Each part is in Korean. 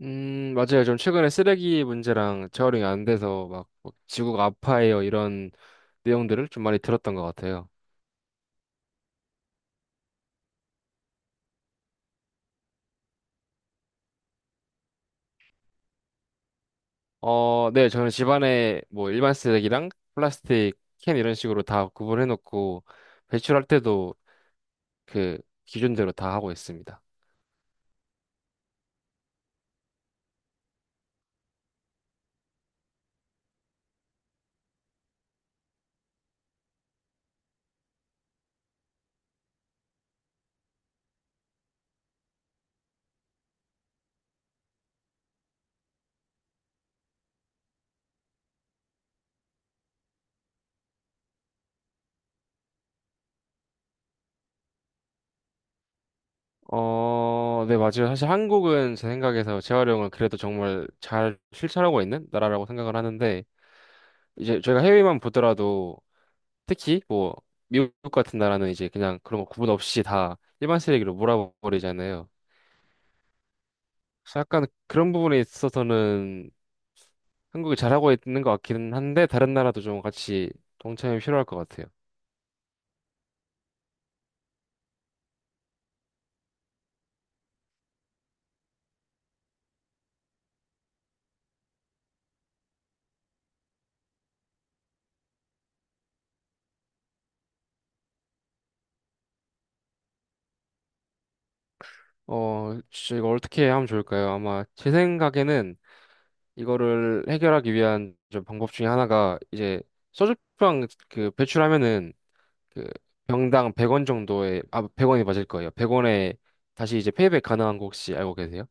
맞아요. 좀 최근에 쓰레기 문제랑 재활용이 안 돼서 막뭐 지구가 아파해요. 이런 내용들을 좀 많이 들었던 것 같아요. 어, 네. 저는 집안에 뭐 일반 쓰레기랑 플라스틱 캔 이런 식으로 다 구분해 놓고 배출할 때도 그 기준대로 다 하고 있습니다. 어, 네, 맞아요. 사실 한국은 제 생각에서 재활용을 그래도 정말 잘 실천하고 있는 나라라고 생각을 하는데, 이제 저희가 해외만 보더라도 특히 뭐 미국 같은 나라는 이제 그냥 그런 거 구분 없이 다 일반 쓰레기로 몰아버리잖아요. 그래서 약간 그런 부분에 있어서는 한국이 잘하고 있는 것 같기는 한데, 다른 나라도 좀 같이 동참이 필요할 것 같아요. 어, 진짜 이거 어떻게 하면 좋을까요? 아마 제 생각에는 이거를 해결하기 위한 좀 방법 중에 하나가 이제 소주병 그 배출하면은 그 병당 100원 정도에 아원이 맞을 거예요. 100원에 다시 이제 페이백 가능한 거 혹시 알고 계세요?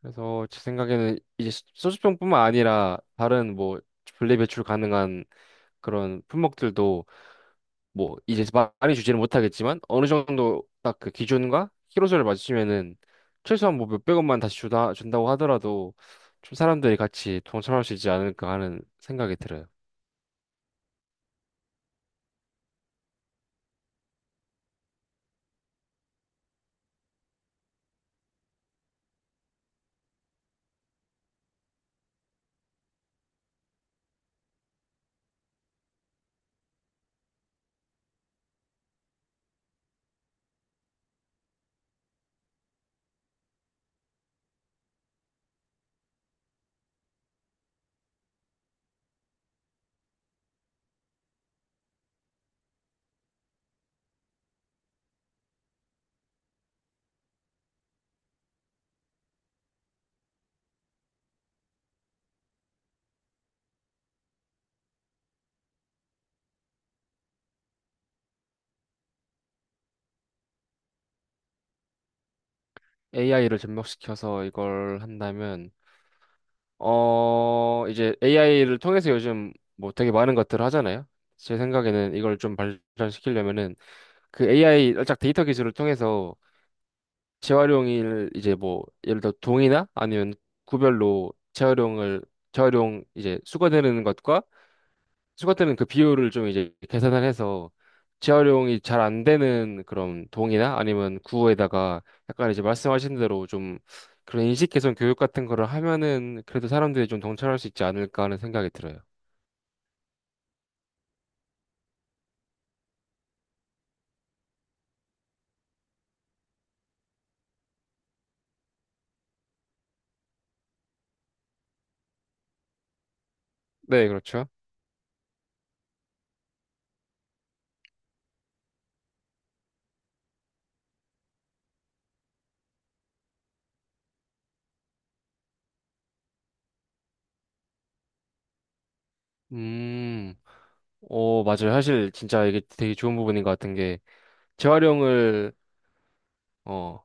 그래서 제 생각에는 이제 소주병뿐만 아니라 다른 뭐 분리 배출 가능한 그런 품목들도 뭐 이제 많이 주지는 못하겠지만 어느 정도 딱 그 기준과 키로수를 맞추면은 최소한 뭐 몇 백원만 다시 주다 준다고 하더라도 좀 사람들이 같이 동참할 수 있지 않을까 하는 생각이 들어요. AI를 접목시켜서 이걸 한다면 이제 AI를 통해서 요즘 뭐 되게 많은 것들을 하잖아요. 제 생각에는 이걸 좀 발전시키려면은 그 AI 를 살짝 데이터 기술을 통해서 재활용일 이제 뭐 예를 들어 동이나 아니면 구별로 재활용 이제 수거되는 것과 수거되는 그 비율을 좀 이제 계산을 해서 재활용이 잘 안 되는 그런 동이나 아니면 구에다가 약간 이제 말씀하신 대로 좀 그런 인식 개선 교육 같은 거를 하면은 그래도 사람들이 좀 동참할 수 있지 않을까 하는 생각이 들어요. 네, 그렇죠. 음. 어, 맞아요. 사실 진짜 이게 되게 좋은 부분인 것 같은 게 재활용을 어,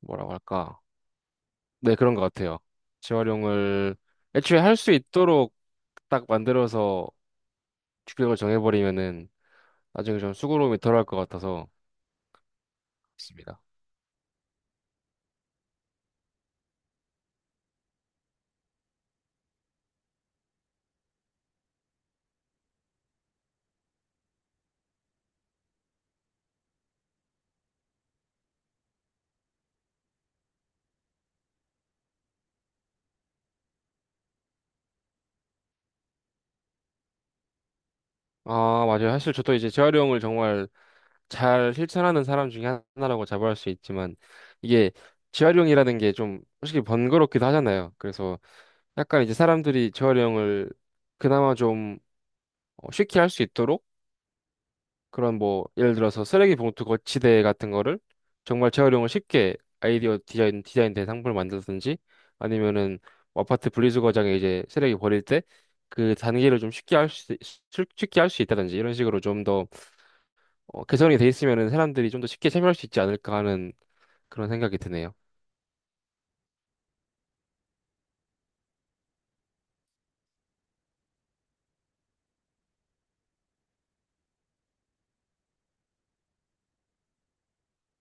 뭐라고 할까? 네, 그런 것 같아요. 재활용을 애초에 할 수 있도록 딱 만들어서 규격을 정해버리면은 나중에 좀 수고로움이 덜할 것 같아서 있습니다. 아, 맞아요. 사실 저도 이제 재활용을 정말 잘 실천하는 사람 중에 하나라고 자부할 수 있지만 이게 재활용이라는 게 좀 솔직히 번거롭기도 하잖아요. 그래서 약간 이제 사람들이 재활용을 그나마 좀 어, 쉽게 할 수 있도록 그런 뭐 예를 들어서 쓰레기 봉투 거치대 같은 거를 정말 재활용을 쉽게 아이디어 디자인된 상품을 만들든지 아니면은 뭐 아파트 분리수거장에 이제 쓰레기 버릴 때 그 단계를 쉽게 할 수 있다든지 이런 식으로 좀더 어, 개선이 돼 있으면은 사람들이 좀 더 쉽게 참여할 수 있지 않을까 하는 그런 생각이 드네요.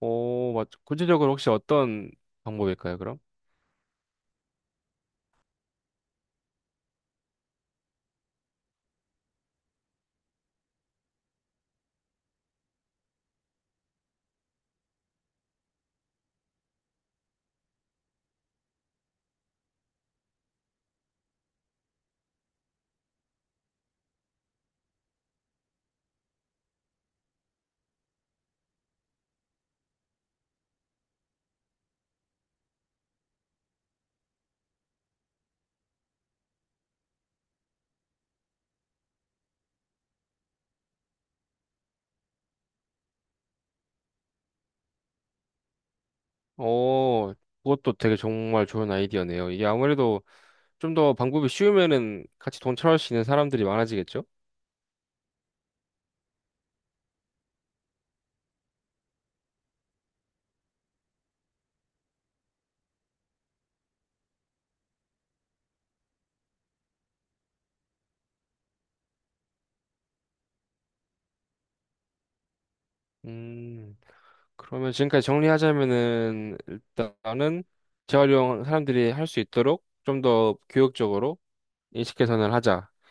오, 맞. 구체적으로 혹시 어떤 방법일까요, 그럼? 오, 그것도 되게 정말 좋은 아이디어네요. 이게 아무래도 좀 더 방법이 쉬우면은 같이 돈 처할 수 있는 사람들이 많아지겠죠? 음, 그러면 지금까지 정리하자면은 일단은 재활용 사람들이 할 수 있도록 좀 더 교육적으로 인식 개선을 하자라는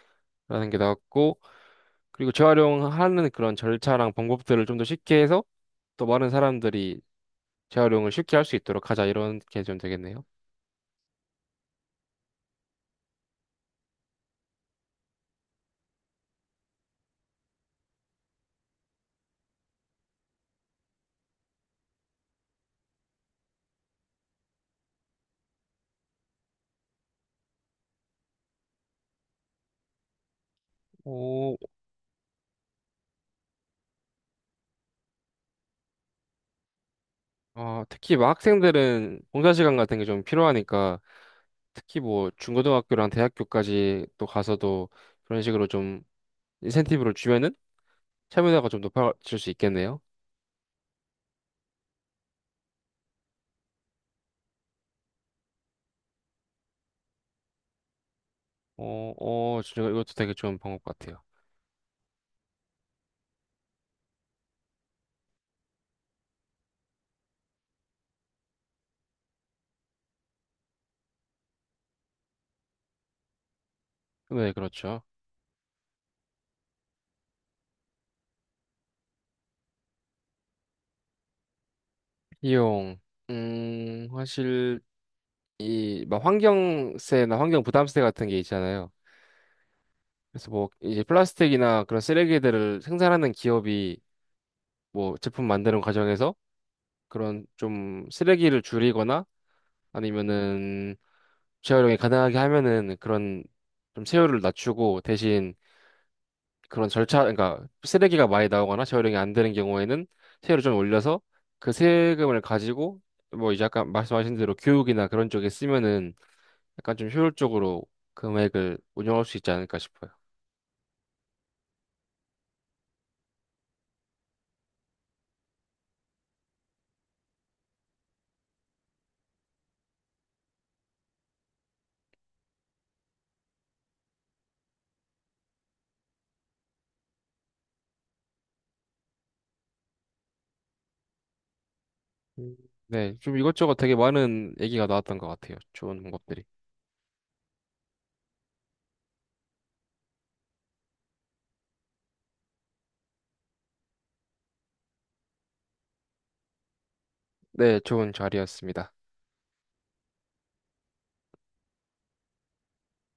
게 나왔고, 그리고 재활용하는 그런 절차랑 방법들을 좀 더 쉽게 해서 또 많은 사람들이 재활용을 쉽게 할 수 있도록 하자 이런 게 좀 되겠네요. 오, 어, 특히 막 학생들은 봉사 시간 같은 게 좀 필요하니까 특히 뭐 중고등학교랑 대학교까지 또 가서도 그런 식으로 좀 인센티브를 주면은 참여도가 좀 높아질 수 있겠네요. 어, 어, 진짜 이것도 되게 좋은 방법 같아요. 네, 그렇죠. 비용, 사실 이 막 환경세나 환경 부담세 같은 게 있잖아요. 그래서 뭐 이제 플라스틱이나 그런 쓰레기들을 생산하는 기업이 뭐 제품 만드는 과정에서 그런 좀 쓰레기를 줄이거나 아니면은 재활용이 가능하게 하면은 그런 좀 세율을 낮추고 대신 그런 절차, 그러니까 쓰레기가 많이 나오거나 재활용이 안 되는 경우에는 세율을 좀 올려서 그 세금을 가지고 뭐 이제 아까 말씀하신 대로 교육이나 그런 쪽에 쓰면은 약간 좀 효율적으로 금액을 운영할 수 있지 않을까 싶어요. 음. 네, 좀 이것저것 되게 많은 얘기가 나왔던 것 같아요. 좋은 방법들이. 네, 좋은 자리였습니다.